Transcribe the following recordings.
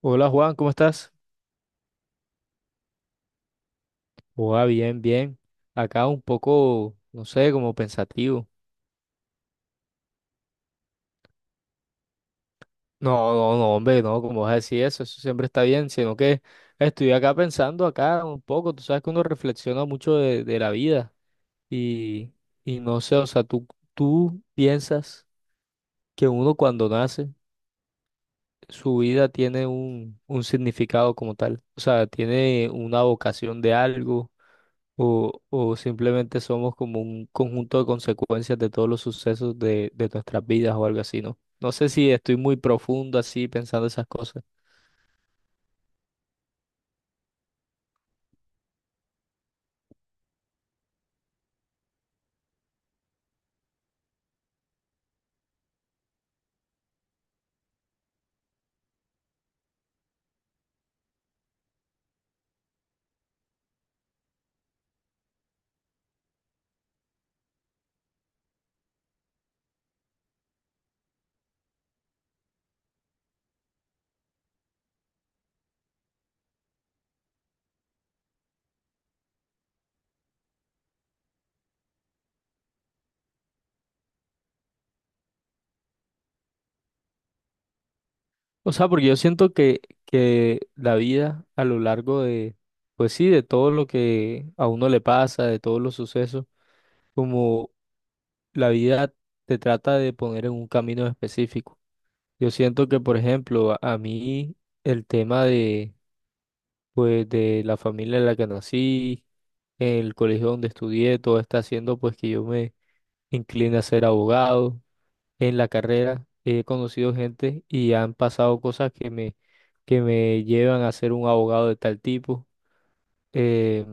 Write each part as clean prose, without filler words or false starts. Hola Juan, ¿cómo estás? Hola, bien, bien. Acá un poco, no sé, como pensativo. No, no, no, hombre, no, como vas a decir eso? Eso siempre está bien, sino que estoy acá pensando acá un poco. Tú sabes que uno reflexiona mucho de la vida y, y no sé, o sea, tú piensas que uno cuando nace, su vida tiene un significado como tal. O sea, tiene una vocación de algo. O simplemente somos como un conjunto de consecuencias de todos los sucesos de nuestras vidas o algo así, ¿no? No sé si estoy muy profundo así pensando esas cosas. O sea, porque yo siento que la vida a lo largo de, pues sí, de todo lo que a uno le pasa, de todos los sucesos, como la vida te trata de poner en un camino específico. Yo siento que, por ejemplo, a mí el tema de, pues, de la familia en la que nací, el colegio donde estudié, todo está haciendo pues que yo me incline a ser abogado. En la carrera he conocido gente y han pasado cosas que me llevan a ser un abogado de tal tipo. Eh,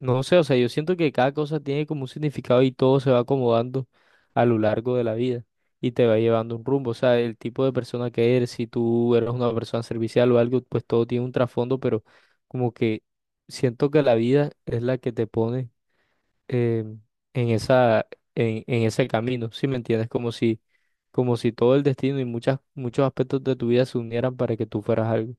no sé, o sea, yo siento que cada cosa tiene como un significado y todo se va acomodando a lo largo de la vida y te va llevando un rumbo, o sea, el tipo de persona que eres, si tú eres una persona servicial o algo, pues todo tiene un trasfondo, pero como que siento que la vida es la que te pone eh, en esa, en ese camino, ¿si me entiendes? Como si todo el destino y muchas, muchos aspectos de tu vida se unieran para que tú fueras algo.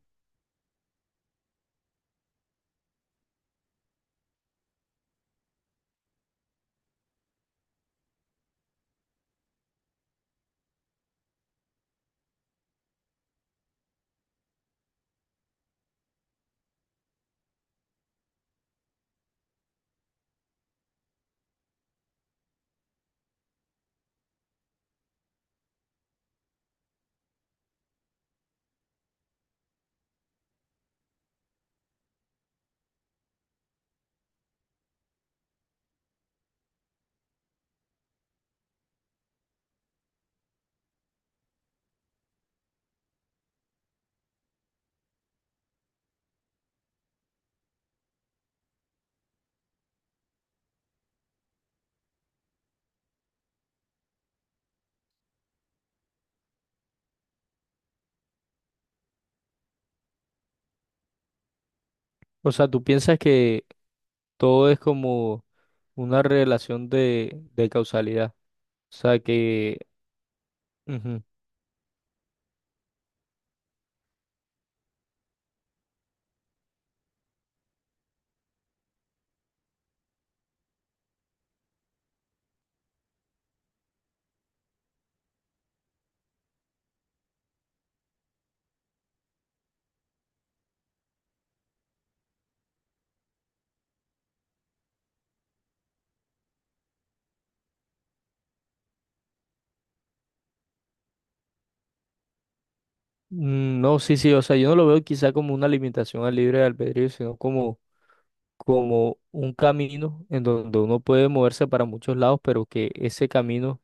O sea, ¿tú piensas que todo es como una relación de causalidad? O sea que... Ujú. Mm, no, sí, sí, o sea, yo no lo veo quizá como una limitación al libre albedrío, sino como, como un camino en donde uno puede moverse para muchos lados, pero que ese camino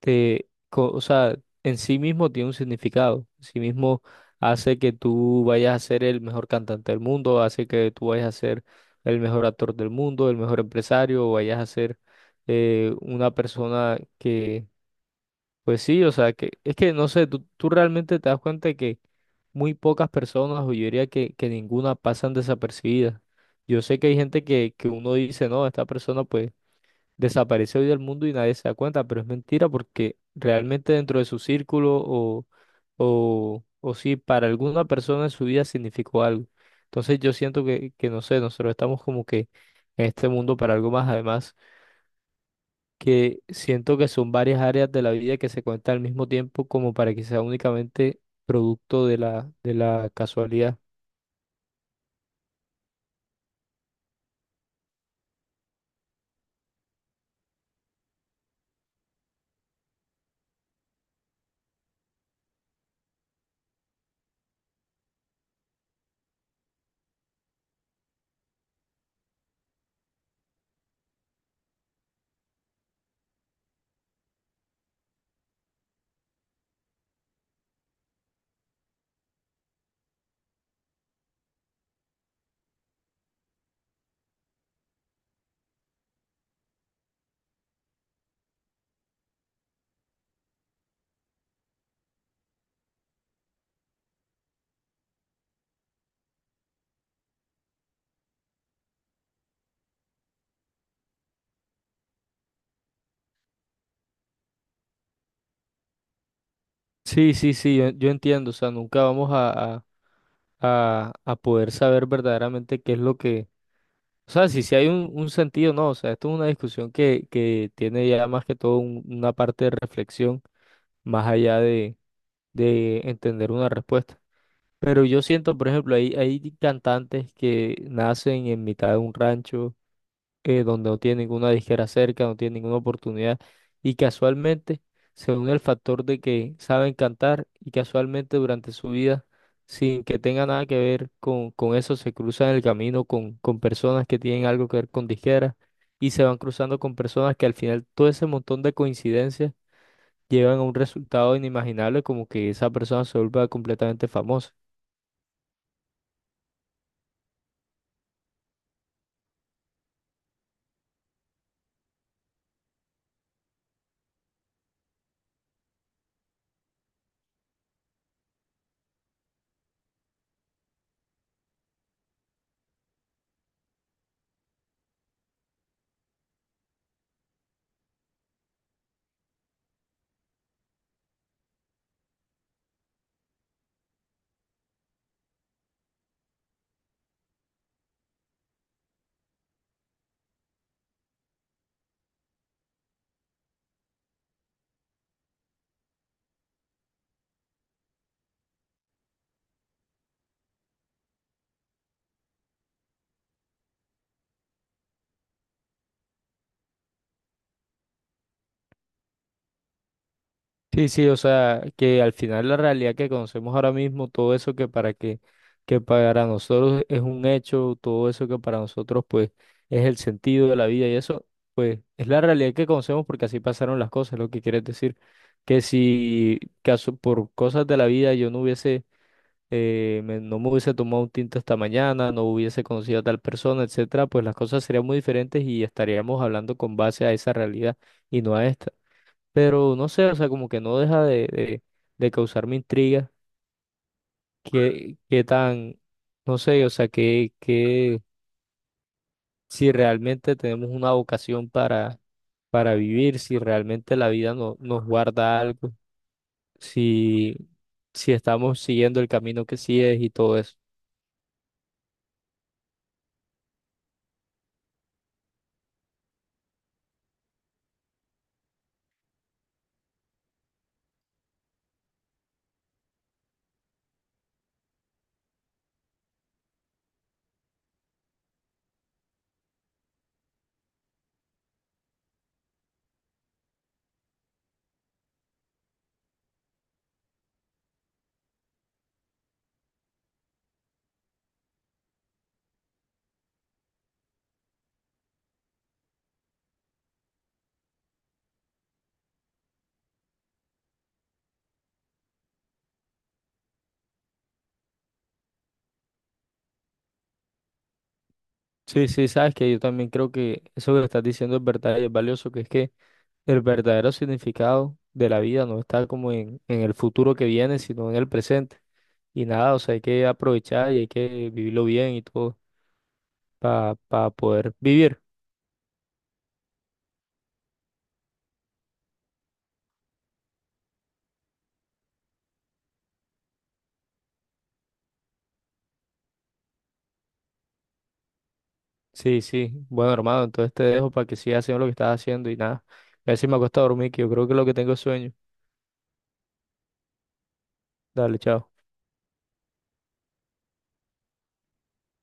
o sea, en sí mismo tiene un significado. En sí mismo hace que tú vayas a ser el mejor cantante del mundo, hace que tú vayas a ser el mejor actor del mundo, el mejor empresario, o vayas a ser una persona. Pues sí, o sea, que es que no sé, tú realmente te das cuenta de que muy pocas personas, o yo diría que ninguna, pasan desapercibidas. Yo sé que hay gente que uno dice, no, esta persona pues desaparece hoy del mundo y nadie se da cuenta, pero es mentira porque realmente dentro de su círculo o si para alguna persona en su vida significó algo. Entonces yo siento que no sé, nosotros estamos como que en este mundo para algo más, además que siento que son varias áreas de la vida que se cuentan al mismo tiempo como para que sea únicamente producto de la casualidad. Sí, sí, sí, yo entiendo, o sea, nunca vamos a poder saber verdaderamente qué es lo que, o sea, si, si hay un sentido, no, o sea, esto es una discusión que tiene ya más que todo un- una parte de reflexión, más allá de entender una respuesta. Pero yo siento, por ejemplo, hay cantantes que nacen en mitad de un rancho donde no tiene ninguna disquera cerca, no tiene ninguna oportunidad. Y casualmente se une el factor de que saben cantar y casualmente durante su vida, sin que tenga nada que ver con eso, se cruzan en el camino con personas que tienen algo que ver con disqueras y se van cruzando con personas que al final todo ese montón de coincidencias llevan a un resultado inimaginable como que esa persona se vuelva completamente famosa. Sí, sí, o sea, que al final la realidad que conocemos ahora mismo, todo eso que para que, que para nosotros es un hecho, todo eso que para nosotros pues es el sentido de la vida y eso, pues es la realidad que conocemos porque así pasaron las cosas, lo que quieres decir, que si caso, por cosas de la vida yo no hubiese, no me hubiese tomado un tinto esta mañana, no hubiese conocido a tal persona, etcétera, pues las cosas serían muy diferentes y estaríamos hablando con base a esa realidad y no a esta. Pero no sé, o sea, como que no deja de causarme intriga qué, qué tan, no sé, o sea, que si realmente tenemos una vocación para vivir, si realmente la vida no, nos guarda algo, si, si estamos siguiendo el camino que sí es y todo eso. Sí, sí, sabes que yo también creo que eso que estás diciendo es verdad y es valioso, que es que el verdadero significado de la vida no está como en el futuro que viene, sino en el presente. Y nada, o sea, hay que aprovechar y hay que vivirlo bien y todo para poder vivir. Sí, sí. Bueno, hermano, entonces te dejo para que sigas haciendo lo que estás haciendo y nada. A ver si me acuesto a dormir, que yo creo que es lo que tengo es sueño. Dale, chao.